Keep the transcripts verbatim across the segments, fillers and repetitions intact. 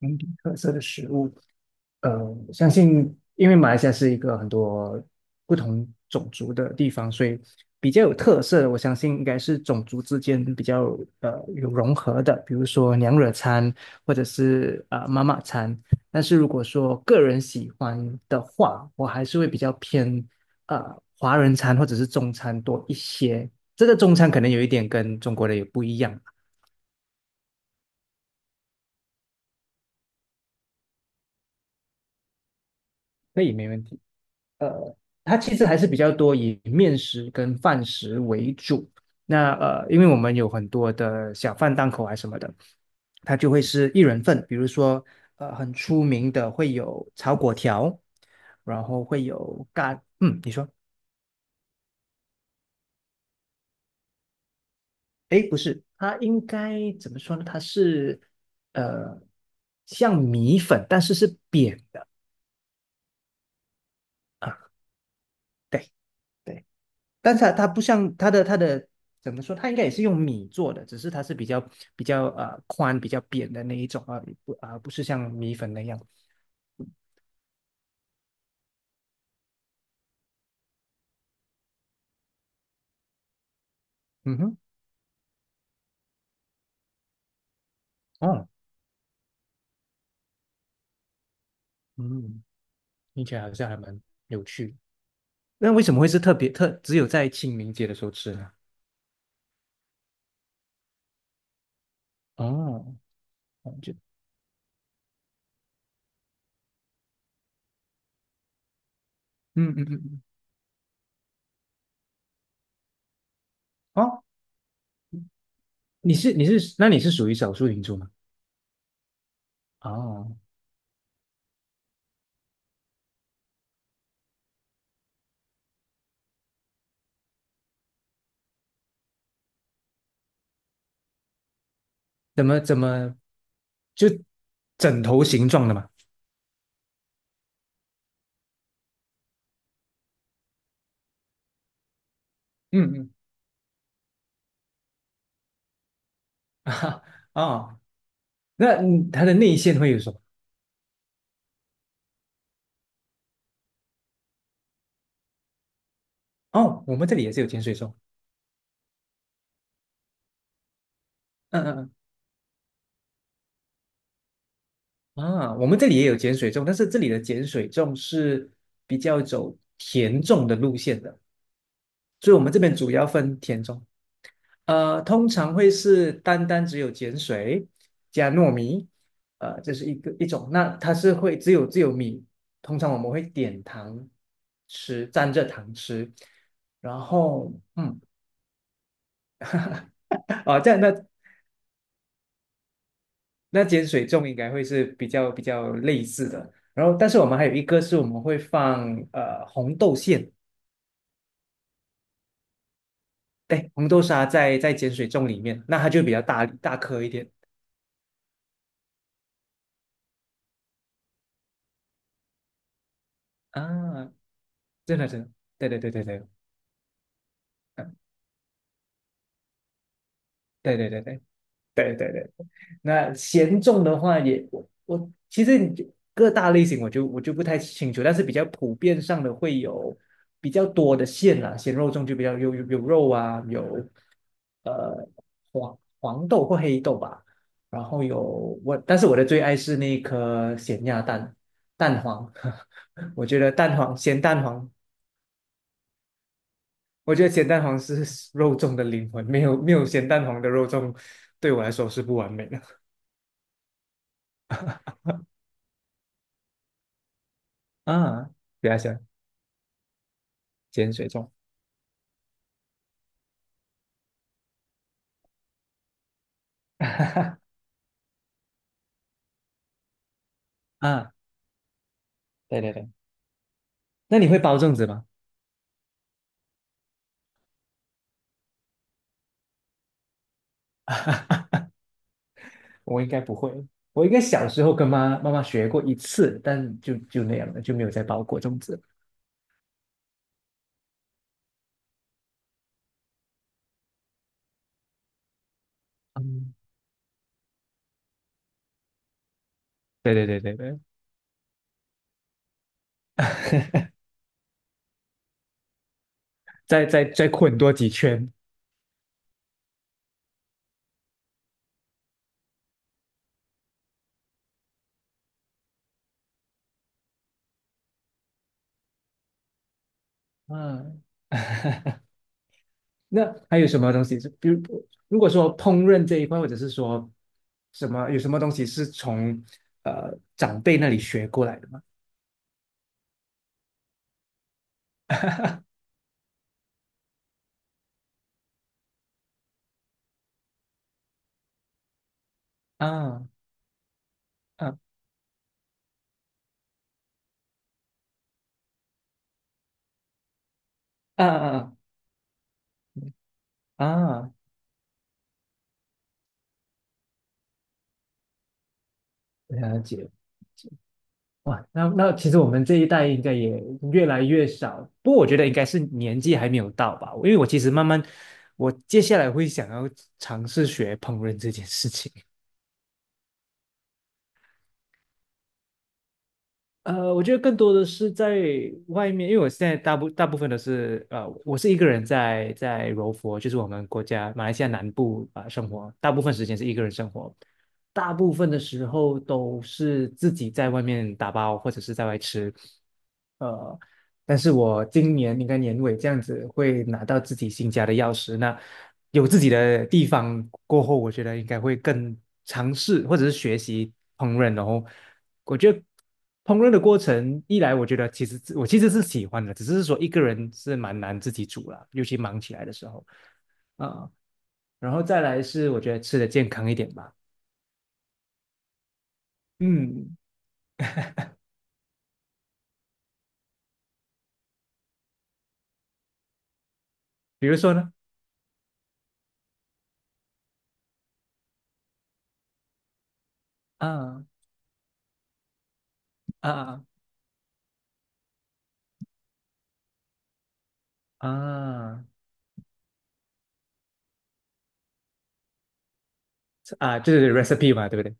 本地特色的食物，呃，我相信因为马来西亚是一个很多不同种族的地方，所以比较有特色的，我相信应该是种族之间比较呃有融合的，比如说娘惹餐或者是呃妈妈餐。但是如果说个人喜欢的话，我还是会比较偏呃华人餐或者是中餐多一些。这个中餐可能有一点跟中国的也不一样，可以没问题。呃，它其实还是比较多以面食跟饭食为主。那呃，因为我们有很多的小贩档口啊什么的，它就会是一人份。比如说，呃，很出名的会有炒粿条，然后会有咖，嗯，你说，诶，不是，它应该怎么说呢？它是呃，像米粉，但是是扁的啊，对。对，但是它它不像它的它的怎么说，它应该也是用米做的，只是它是比较比较呃宽、比较扁的那一种啊，不啊、不是像米粉那样。嗯哼，哦，嗯，听起来好像还蛮有趣。那为什么会是特别特只有在清明节的时候吃呢？哦，哦就嗯嗯嗯嗯，哦，你是你是那你是属于少数民族吗？哦，怎么怎么就枕头形状的嘛？嗯嗯 啊哦，那嗯它的内馅会有什么？哦，我们这里也是有碱水粽，嗯嗯嗯，啊，我们这里也有碱水粽，但是这里的碱水粽是比较走甜粽的路线的，所以我们这边主要分甜粽，呃，通常会是单单只有碱水加糯米，呃，这是一个一种，那它是会只有只有米，通常我们会点糖吃，蘸着糖吃，然后嗯，啊，这样那那碱水粽应该会是比较比较类似的。然后，但是我们还有一个是我们会放呃红豆馅，对，红豆沙在在碱水粽里面，那它就比较大大颗一点啊，真的真的，对对对对对，嗯，对对对对对对对。那咸重的话也，我我其实你就各大类型我就我就不太清楚，但是比较普遍上的会有比较多的馅啦，咸肉粽就比较有有有肉啊，有呃黄黄豆或黑豆吧，然后有我，但是我的最爱是那颗咸鸭蛋蛋黄，我觉得蛋黄咸蛋黄，我觉得咸蛋黄是肉粽的灵魂，没有没有咸蛋黄的肉粽对我来说是不完美的啊，不要想。碱水粽。啊，对对对，那你会包粽子吗？我应该不会，我应该小时候跟妈妈妈学过一次，但就就那样了，就没有再包过粽子。嗯，对对对对对，再再再捆多几圈。嗯，那还有什么东西是，比如如果说烹饪这一块，或者是说什么有什么东西是从呃长辈那里学过来的吗？啊啊啊啊啊！了解。哇，那那其实我们这一代应该也越来越少，不过我觉得应该是年纪还没有到吧，因为我其实慢慢，我接下来会想要尝试学烹饪这件事情。呃，我觉得更多的是在外面，因为我现在大部大部分都是呃，我是一个人在在柔佛，就是我们国家马来西亚南部啊、呃生活，大部分时间是一个人生活，大部分的时候都是自己在外面打包或者是在外吃。呃，但是我今年应该年尾这样子会拿到自己新家的钥匙，那有自己的地方过后，我觉得应该会更尝试或者是学习烹饪哦，然后我觉得烹饪的过程，一来我觉得其实我其实是喜欢的，只是说一个人是蛮难自己煮啦，尤其忙起来的时候啊、然后再来是我觉得吃的健康一点吧，嗯，比如说呢，啊啊啊啊啊，就是 recipe 嘛，对不对？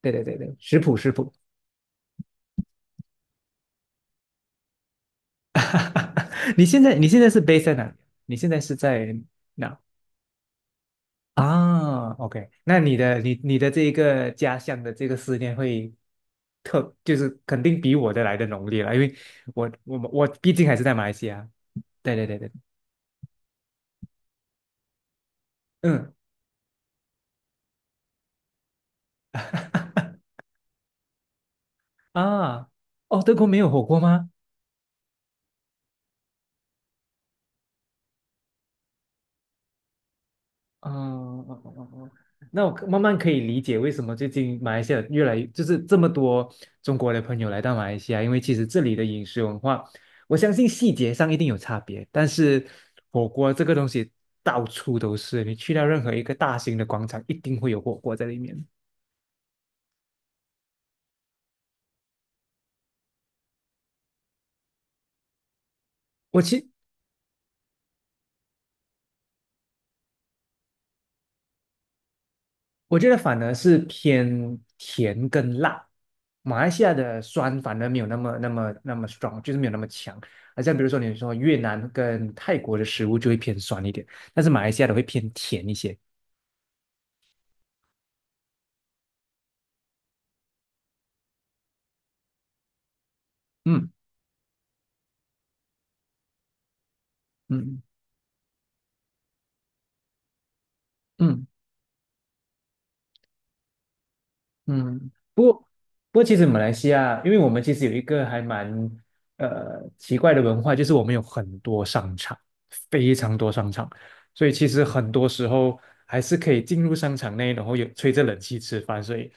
对对对对，食谱食谱。你现在你现在是 base 在哪里？你现在是在哪啊？OK，那你的你你的这一个家乡的这个思念会特，就是肯定比我的来的浓烈了，因为我我们我毕竟还是在马来西亚。对对对对，嗯啊，哦，德国没有火锅吗？嗯嗯嗯嗯嗯那我可慢慢可以理解为什么最近马来西亚越来越就是这么多中国的朋友来到马来西亚，因为其实这里的饮食文化，我相信细节上一定有差别，但是火锅这个东西到处都是，你去到任何一个大型的广场，一定会有火锅在里面。我其我觉得反而是偏甜跟辣，马来西亚的酸反而没有那么那么那么 strong，就是没有那么强。而像比如说你说越南跟泰国的食物就会偏酸一点，但是马来西亚的会偏甜一些。嗯嗯嗯。嗯，不过不过，其实马来西亚，因为我们其实有一个还蛮呃奇怪的文化，就是我们有很多商场，非常多商场，所以其实很多时候还是可以进入商场内，然后有吹着冷气吃饭，所以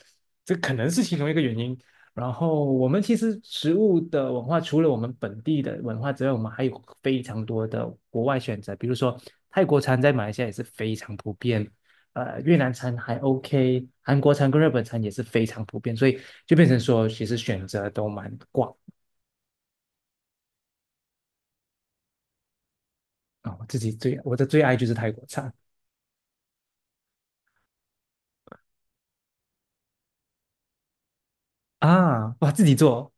这可能是其中一个原因。然后我们其实食物的文化，除了我们本地的文化之外，我们还有非常多的国外选择，比如说泰国餐在马来西亚也是非常普遍，呃越南餐还 OK，韩国餐跟日本餐也是非常普遍，所以就变成说其实选择都蛮广啊。我自己最我的最爱就是泰国餐啊，哇，自己做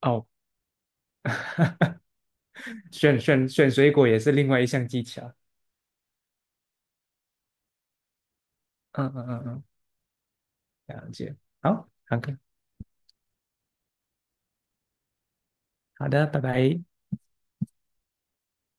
哦，选选选水果也是另外一项技巧。嗯嗯嗯嗯，了解。好，好的，好的，拜拜。